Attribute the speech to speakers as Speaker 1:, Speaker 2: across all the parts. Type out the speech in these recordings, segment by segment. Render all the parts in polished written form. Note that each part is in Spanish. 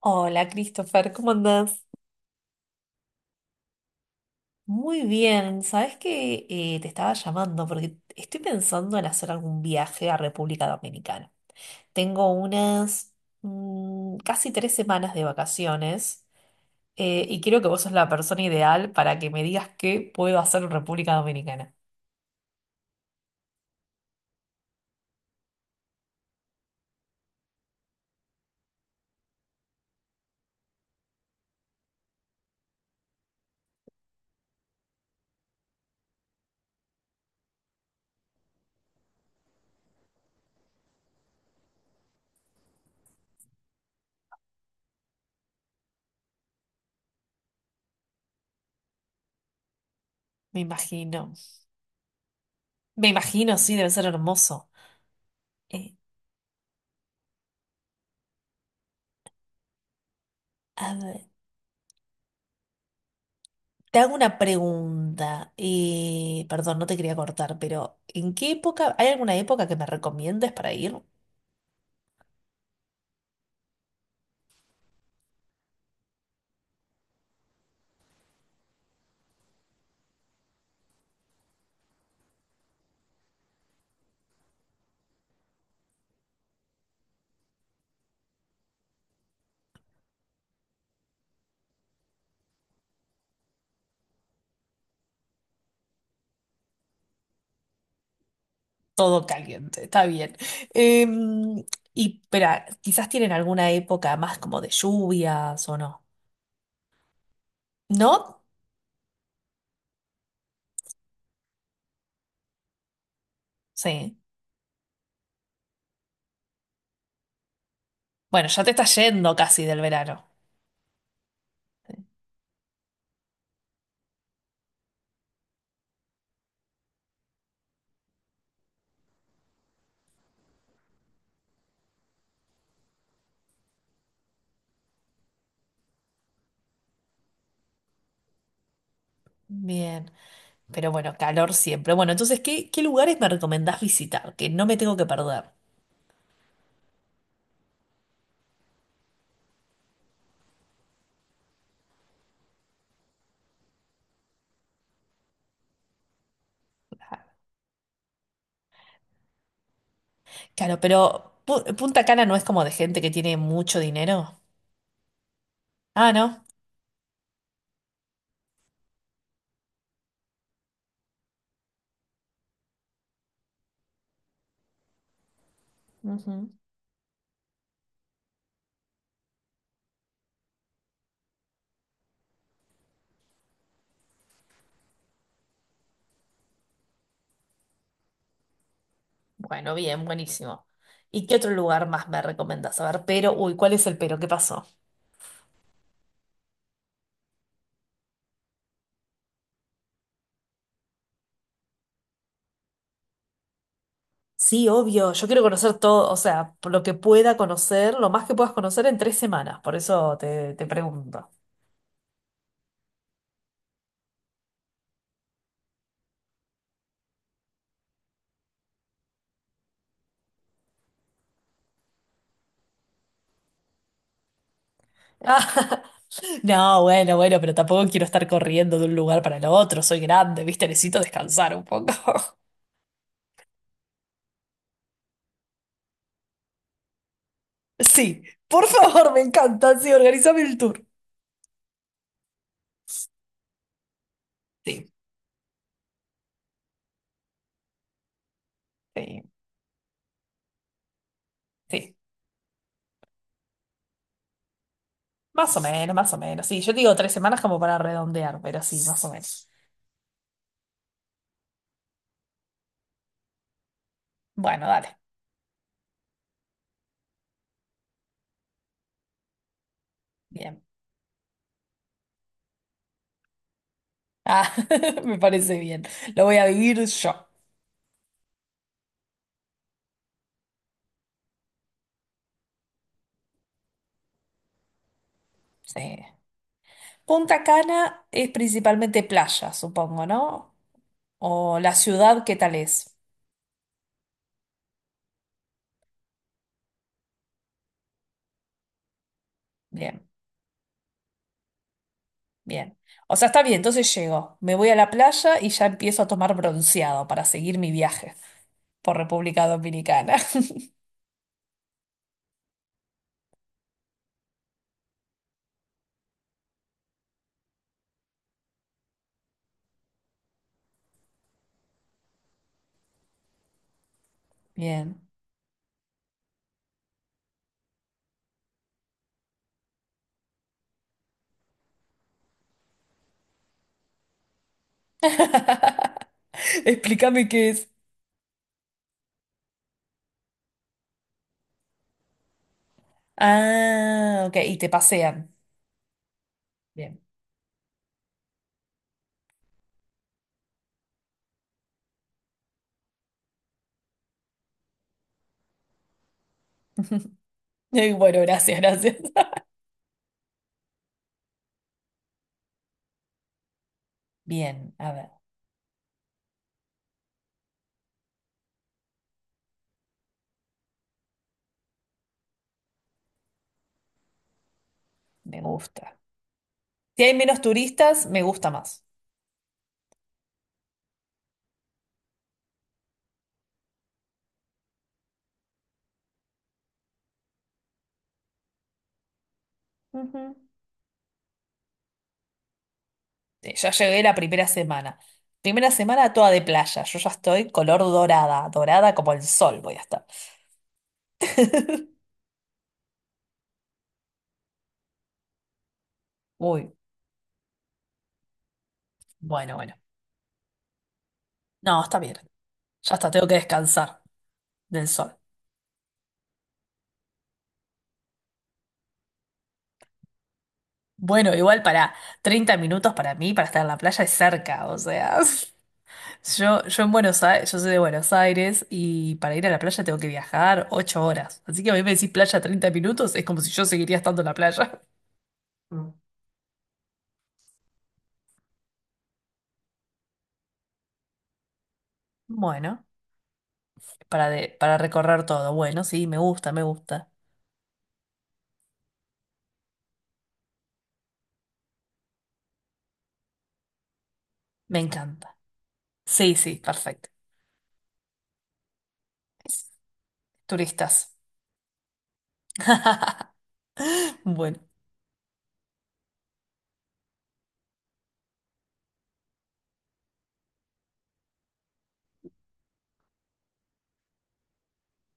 Speaker 1: Hola, Christopher, ¿cómo andás? Muy bien, ¿sabes que te estaba llamando porque estoy pensando en hacer algún viaje a República Dominicana. Tengo unas casi 3 semanas de vacaciones y creo que vos sos la persona ideal para que me digas qué puedo hacer en República Dominicana. Me imagino. Me imagino, sí, debe ser hermoso. Eh, a ver. Te hago una pregunta. Perdón, no te quería cortar, pero ¿en qué época? ¿Hay alguna época que me recomiendes para ir? Todo caliente, está bien. Em, y, pero quizás tienen alguna época más como de lluvias o no. ¿No? Sí. Bueno, ya te está yendo casi del verano. Bien. Pero bueno, calor siempre. Bueno, entonces, ¿qué lugares me recomendás visitar? Que no me tengo que perder. Claro, pero Punta Cana no es como de gente que tiene mucho dinero. Ah, ¿no? Ujú. Bueno, bien, buenísimo. ¿Y qué otro lugar más me recomendás? A ver, pero, uy, ¿cuál es el pero? ¿Qué pasó? Sí, obvio, yo quiero conocer todo, o sea, por lo que pueda conocer, lo más que puedas conocer en 3 semanas, por eso te pregunto. No, bueno, bueno, pero tampoco quiero estar corriendo de un lugar para el otro, soy grande, ¿viste? Necesito descansar un poco. Sí, por favor, me encanta, sí, organizame el tour. Sí, sí, sí. Más o menos, más o menos. Sí, yo digo 3 semanas como para redondear, pero sí, más o menos. Bueno, dale. Bien. Ah, me parece bien. Lo voy a vivir yo. Sí. Punta Cana es principalmente playa, supongo, ¿no? O la ciudad, ¿qué tal es? Bien, bien. O sea, está bien, entonces llego. Me voy a la playa y ya empiezo a tomar bronceado para seguir mi viaje por República Dominicana. Bien. Explícame qué es. Ah, ok. Y te pasean. Bien. Bueno, gracias, gracias. Bien, a ver, me gusta. Si hay menos turistas, me gusta más. Ujú. Ya llegué la primera semana. Primera semana toda de playa. Yo ya estoy color dorada, dorada como el sol voy a estar. Uy, bueno, bueno. No, está bien. Ya está, tengo que descansar del sol. Bueno, igual para 30 minutos para mí, para estar en la playa es cerca, o sea, yo en Buenos Aires, yo soy de Buenos Aires y para ir a la playa tengo que viajar 8 horas. Así que a mí me decís playa 30 minutos, es como si yo seguiría estando en la playa. Mm. Bueno. Para recorrer todo. Bueno, sí, me gusta, me gusta. Me encanta. Sí, sí, perfecto. Turistas. Bueno,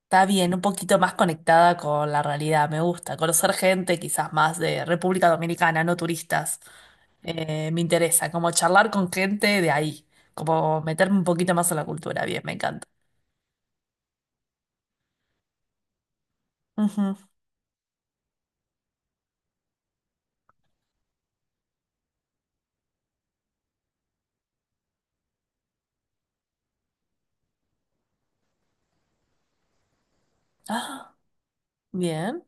Speaker 1: está bien, un poquito más conectada con la realidad, me gusta. Conocer gente quizás más de República Dominicana, no turistas, me interesa. Como charlar con gente de ahí, como meterme un poquito más en la cultura, bien, me encanta. Ujú. Ah, bien.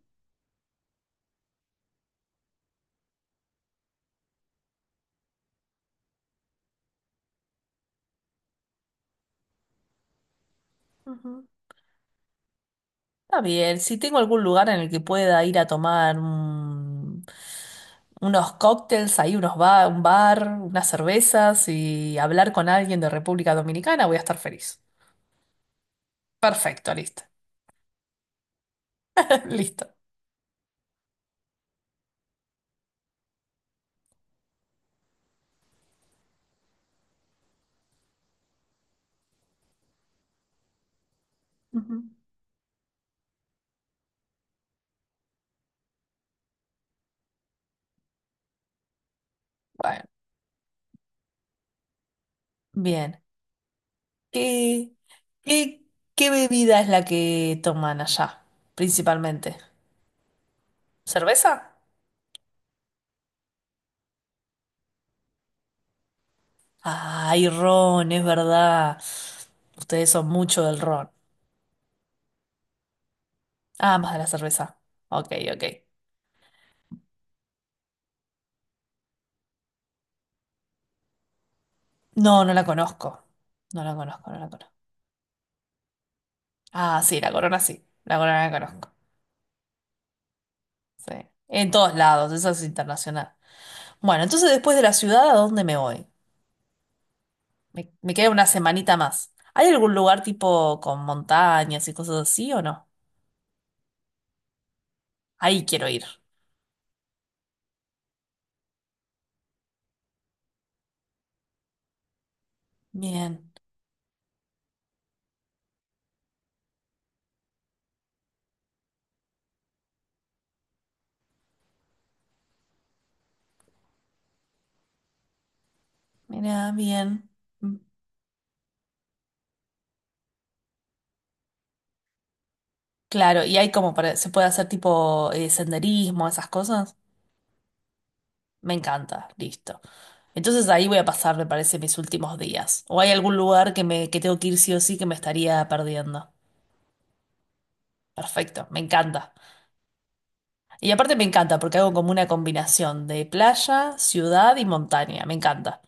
Speaker 1: Ujú. Está bien, si tengo algún lugar en el que pueda ir a tomar un unos cócteles, ahí un bar, unas cervezas y hablar con alguien de República Dominicana, voy a estar feliz. Perfecto, listo. Listo. Ujú. Bueno, bien. ¿Qué, qué, ¿qué bebida es la que toman allá, principalmente? ¿Cerveza? Ay, ron, es verdad. Ustedes son mucho del ron. Ah, más de la cerveza. Ok, ok. No, no la conozco. No la conozco, no la conozco. Ah, sí. La corona la conozco. Sí. En todos lados, eso es internacional. Bueno, entonces después de la ciudad, ¿a dónde me voy? Me queda una semanita más. ¿Hay algún lugar tipo con montañas y cosas así o no? Ahí quiero ir. Bien, mira, bien. Mm, claro, y hay como para, se puede hacer tipo senderismo, esas cosas. Me encanta, listo. Entonces ahí voy a pasar, me parece, mis últimos días. ¿O hay algún lugar que tengo que ir sí o sí que me estaría perdiendo? Perfecto, me encanta. Y aparte me encanta porque hago como una combinación de playa, ciudad y montaña. Me encanta.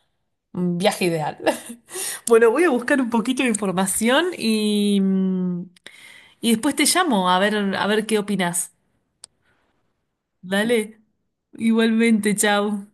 Speaker 1: Un viaje ideal. Bueno, voy a buscar un poquito de información y, y después te llamo a ver qué opinas. Dale. Igualmente, chao.